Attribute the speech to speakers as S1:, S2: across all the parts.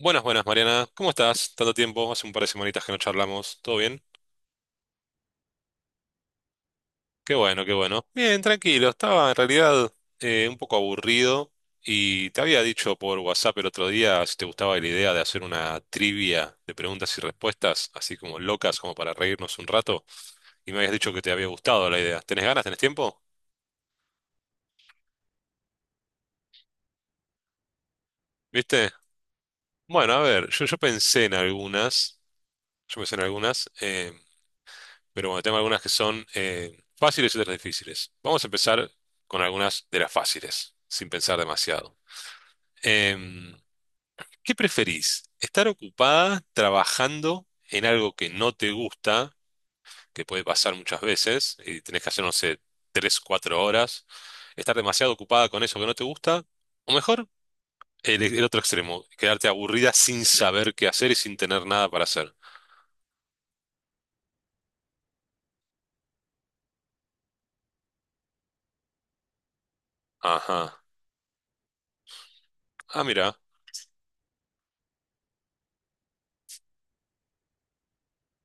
S1: Buenas, buenas, Mariana. ¿Cómo estás? Tanto tiempo, hace un par de semanitas que no charlamos. ¿Todo bien? Qué bueno, qué bueno. Bien, tranquilo. Estaba en realidad un poco aburrido y te había dicho por WhatsApp el otro día si te gustaba la idea de hacer una trivia de preguntas y respuestas, así como locas, como para reírnos un rato. Y me habías dicho que te había gustado la idea. ¿Tenés ganas? ¿Tenés tiempo? ¿Viste? Bueno, a ver, yo pensé en algunas. Yo pensé en algunas. Pero bueno, tengo algunas que son fáciles y otras difíciles. Vamos a empezar con algunas de las fáciles, sin pensar demasiado. Em, ¿qué preferís? ¿Estar ocupada trabajando en algo que no te gusta, que puede pasar muchas veces, y tenés que hacer, no sé, 3, 4 horas? ¿Estar demasiado ocupada con eso que no te gusta? O mejor, el otro extremo, quedarte aburrida sin saber qué hacer y sin tener nada para hacer. Ajá. Ah, mira.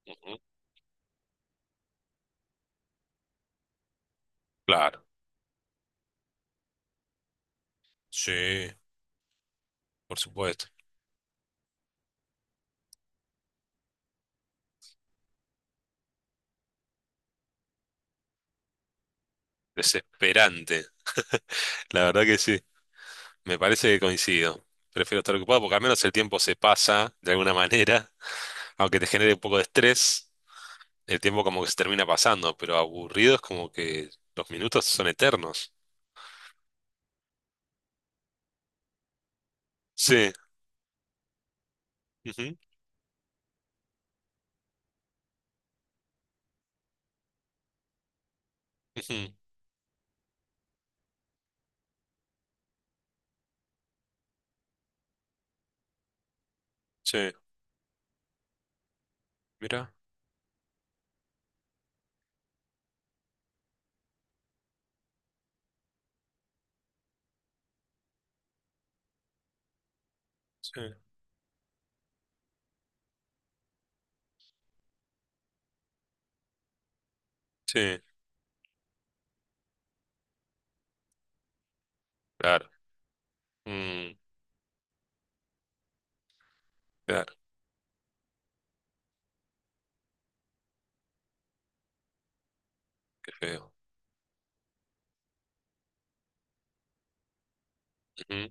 S1: Ujú. Claro. Sí, por supuesto. Desesperante. La verdad que sí. Me parece que coincido. Prefiero estar ocupado porque al menos el tiempo se pasa de alguna manera. Aunque te genere un poco de estrés, el tiempo como que se termina pasando, pero aburrido es como que los minutos son eternos. Sí. Ujú, ujú. Sí. Mira. Sí. Sí. Claro. Mm, claro, qué feo. Ujú.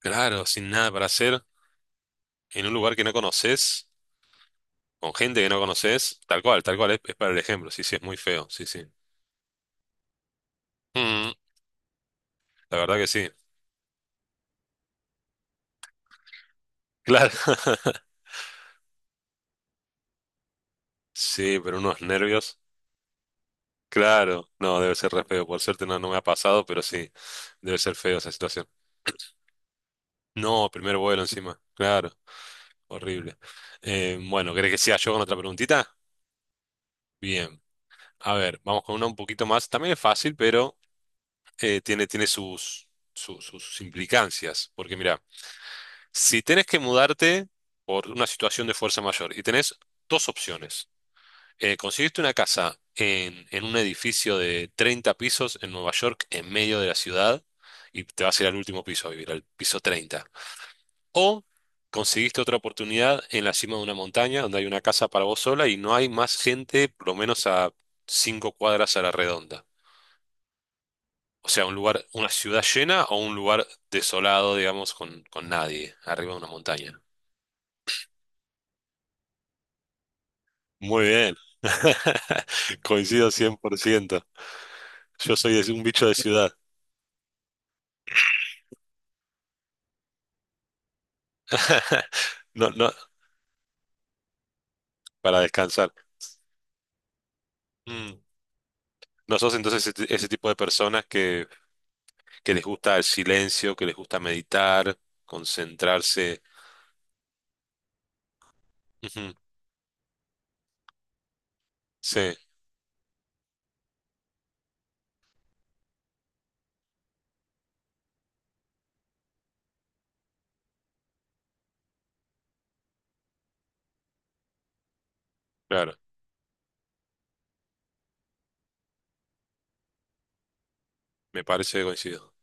S1: Claro, sin nada para hacer, en un lugar que no conoces, con gente que no conoces, tal cual, es para el ejemplo. Sí, sí, es muy feo. Sí, sí. mm, La verdad que sí. Claro. Sí, pero unos nervios. Claro. No, debe ser re feo. Por suerte no, no me ha pasado, pero sí, debe ser feo esa situación. No, primer vuelo encima. Claro. Horrible. Bueno, ¿querés que sea yo con otra preguntita? Bien. A ver, vamos con una un poquito más. También es fácil, pero tiene sus implicancias. Porque mira, si tenés que mudarte por una situación de fuerza mayor y tenés dos opciones. Conseguiste una casa en un edificio de 30 pisos en Nueva York, en medio de la ciudad, y te vas a ir al último piso a vivir, al piso 30. O conseguiste otra oportunidad en la cima de una montaña donde hay una casa para vos sola y no hay más gente, por lo menos a 5 cuadras a la redonda. O sea, un lugar, una ciudad llena o un lugar desolado, digamos, con nadie, arriba de una montaña. Muy bien. Coincido 100%. Yo soy un bicho de ciudad. No, no, para descansar. Mm. ¿No sos entonces ese tipo de personas que, les gusta el silencio, que les gusta meditar, concentrarse? Ujú. Sí, claro, me parece que coincido.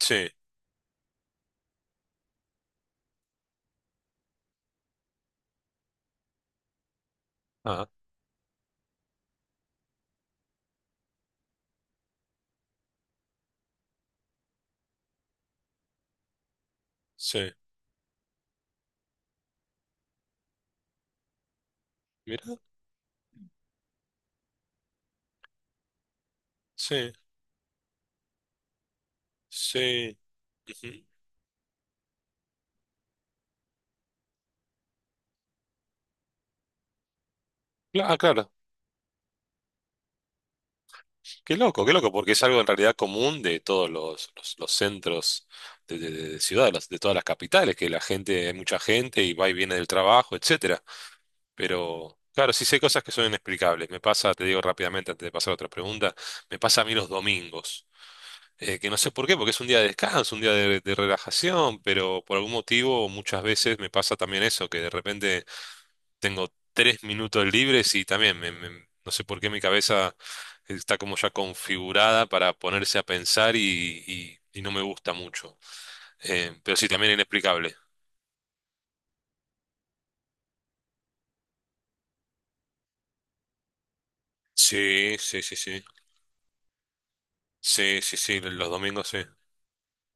S1: Sí, ah, sí, mira, sí, sí. Ujú. Ah, claro, qué loco, porque es algo en realidad común de todos los centros de ciudad, de todas las capitales, que la gente, hay mucha gente y va y viene del trabajo, etcétera. Pero, claro, sí sé cosas que son inexplicables. Me pasa, te digo rápidamente antes de pasar a otra pregunta, me pasa a mí los domingos, que no sé por qué, porque es un día de descanso, un día de relajación, pero por algún motivo muchas veces me pasa también eso, que de repente tengo 3 minutos libres y también no sé por qué mi cabeza está como ya configurada para ponerse a pensar y, y no me gusta mucho. Pero sí, también inexplicable. Sí, sí, sí, sí. Sí, sí, sí, los domingos sí.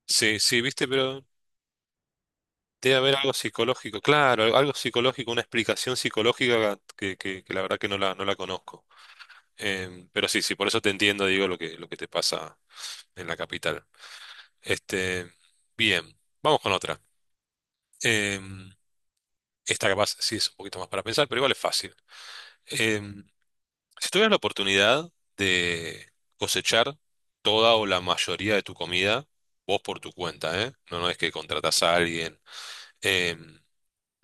S1: Sí, sí, viste, pero debe haber algo psicológico, claro, algo psicológico, una explicación psicológica que la verdad que no la conozco. Pero sí, sí, por eso te entiendo, digo, lo que te pasa en la capital. Este, bien, vamos con otra. Em, esta capaz sí es un poquito más para pensar, pero igual es fácil. Em, si tuvieras la oportunidad de cosechar toda o la mayoría de tu comida, vos por tu cuenta, ¿eh? No, no es que contratás a alguien. Em,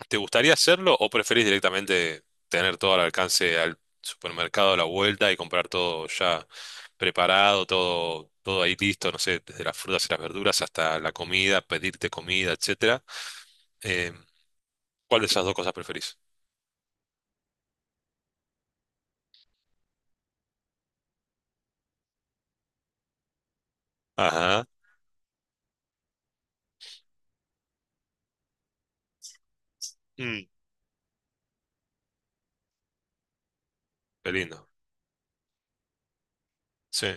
S1: ¿Te gustaría hacerlo o preferís directamente tener todo al alcance al supermercado a la vuelta y comprar todo ya preparado, todo, todo ahí listo, no sé, desde las frutas y las verduras hasta la comida, pedirte comida, etcétera? Eh, ¿cuál de esas dos cosas preferís? Ajá. Mm, qué lindo. Sí.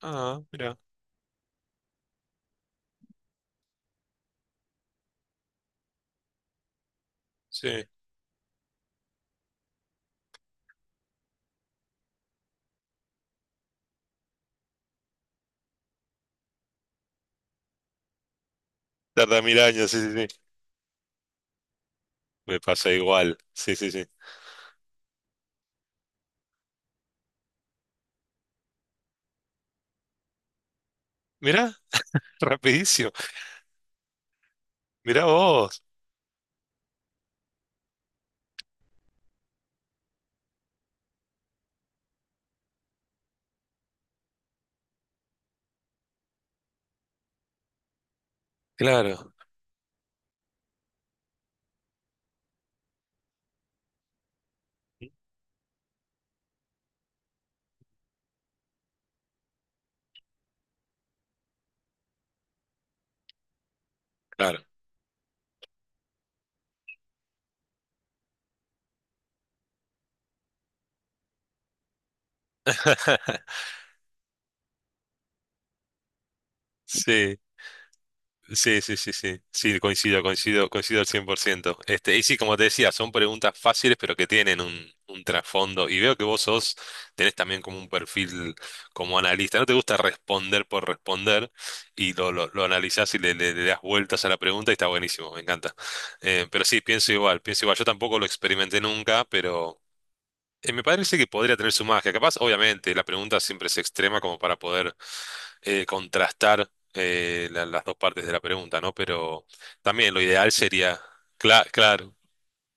S1: Ah, mira. Sí. Tarda mil años, sí, sí, sí. Me pasa igual. Sí, sí, sí. Mira, rapidísimo. Mira vos. Claro, claro. Sí. Sí, sí, sí, sí, sí, coincido, coincido, coincido al 100%. Este, y sí, como te decía, son preguntas fáciles, pero que tienen un trasfondo. Y veo que vos sos, tenés también como un perfil como analista. No te gusta responder por responder y lo analizás y le das vueltas a la pregunta y está buenísimo, me encanta. Pero sí, pienso igual, pienso igual. Yo tampoco lo experimenté nunca, pero me parece que podría tener su magia. Capaz, obviamente, la pregunta siempre es extrema como para poder contrastar las dos partes de la pregunta, ¿no? Pero también lo ideal sería, claro,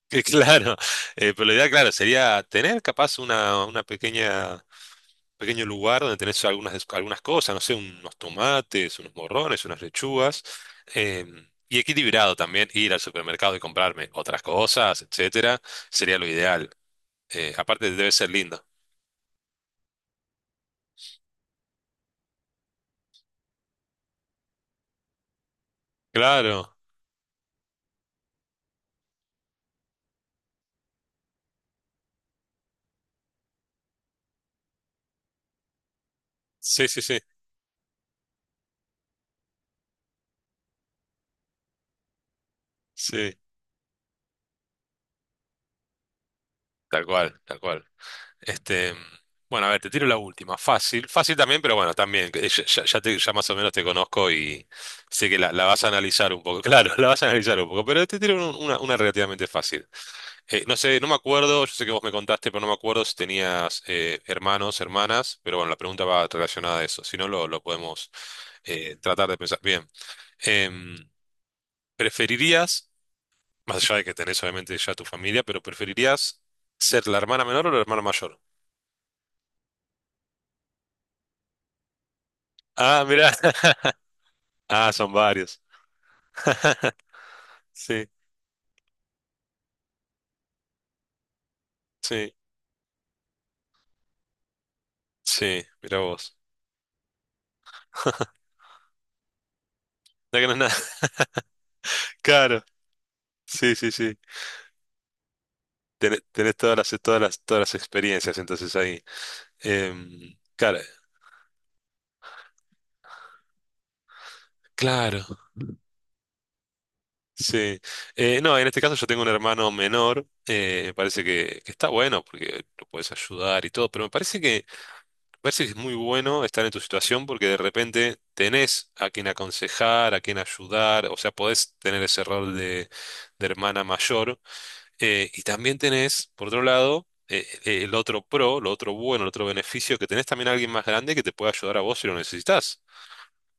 S1: que claro, pero lo ideal, claro, sería tener capaz una pequeño lugar donde tenés algunas cosas, no sé, unos tomates, unos morrones, unas lechugas, y equilibrado también ir al supermercado y comprarme otras cosas, etcétera, sería lo ideal. Aparte debe ser lindo. Claro, sí, sí, sí, sí, tal cual, tal cual. Este, bueno, a ver, te tiro la última. Fácil, fácil también, pero bueno, también, que ya más o menos te conozco y sé que la vas a analizar un poco. Claro, la vas a analizar un poco, pero te tiro una relativamente fácil. No sé, no me acuerdo, yo sé que vos me contaste, pero no me acuerdo si tenías hermanos, hermanas, pero bueno, la pregunta va relacionada a eso. Si no, lo podemos tratar de pensar. Bien. Em, ¿preferirías, más allá de que tenés obviamente ya tu familia, pero preferirías ser la hermana menor o la hermana mayor? Ah, mirá. Ah, son varios. Sí, sí, sí, mira vos. No que no es nada. Claro, sí, sí, sí. Tenés todas las experiencias entonces ahí. Claro, claro, sí. No, en este caso yo tengo un hermano menor. Me parece que está bueno porque lo puedes ayudar y todo, pero me parece que es muy bueno estar en tu situación porque de repente tenés a quien aconsejar, a quien ayudar, o sea, podés tener ese rol de hermana mayor. Y también tenés, por otro lado, el otro pro, lo otro bueno, el otro beneficio, que tenés también a alguien más grande que te puede ayudar a vos si lo necesitas.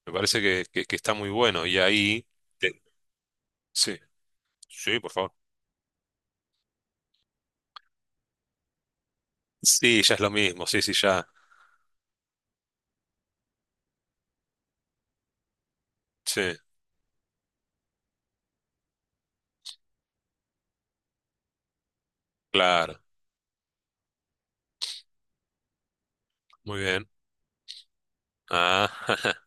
S1: Me parece que está muy bueno. Y ahí, te- sí, sí, por favor. Sí, ya es lo mismo, sí, sí, ya. Sí, claro, muy bien. Ah,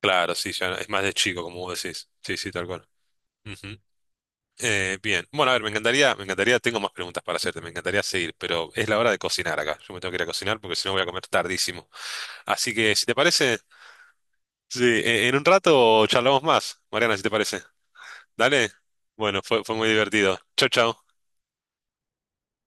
S1: claro, sí, ya es más de chico, como vos decís. Sí, sí, tal cual. Ujú. Bien, bueno, a ver, me encantaría, tengo más preguntas para hacerte, me encantaría seguir, pero es la hora de cocinar acá. Yo me tengo que ir a cocinar porque si no voy a comer tardísimo. Así que, si te parece... Sí, en un rato charlamos más, Mariana, si te parece. Dale. Bueno, fue muy divertido. Chau, chau.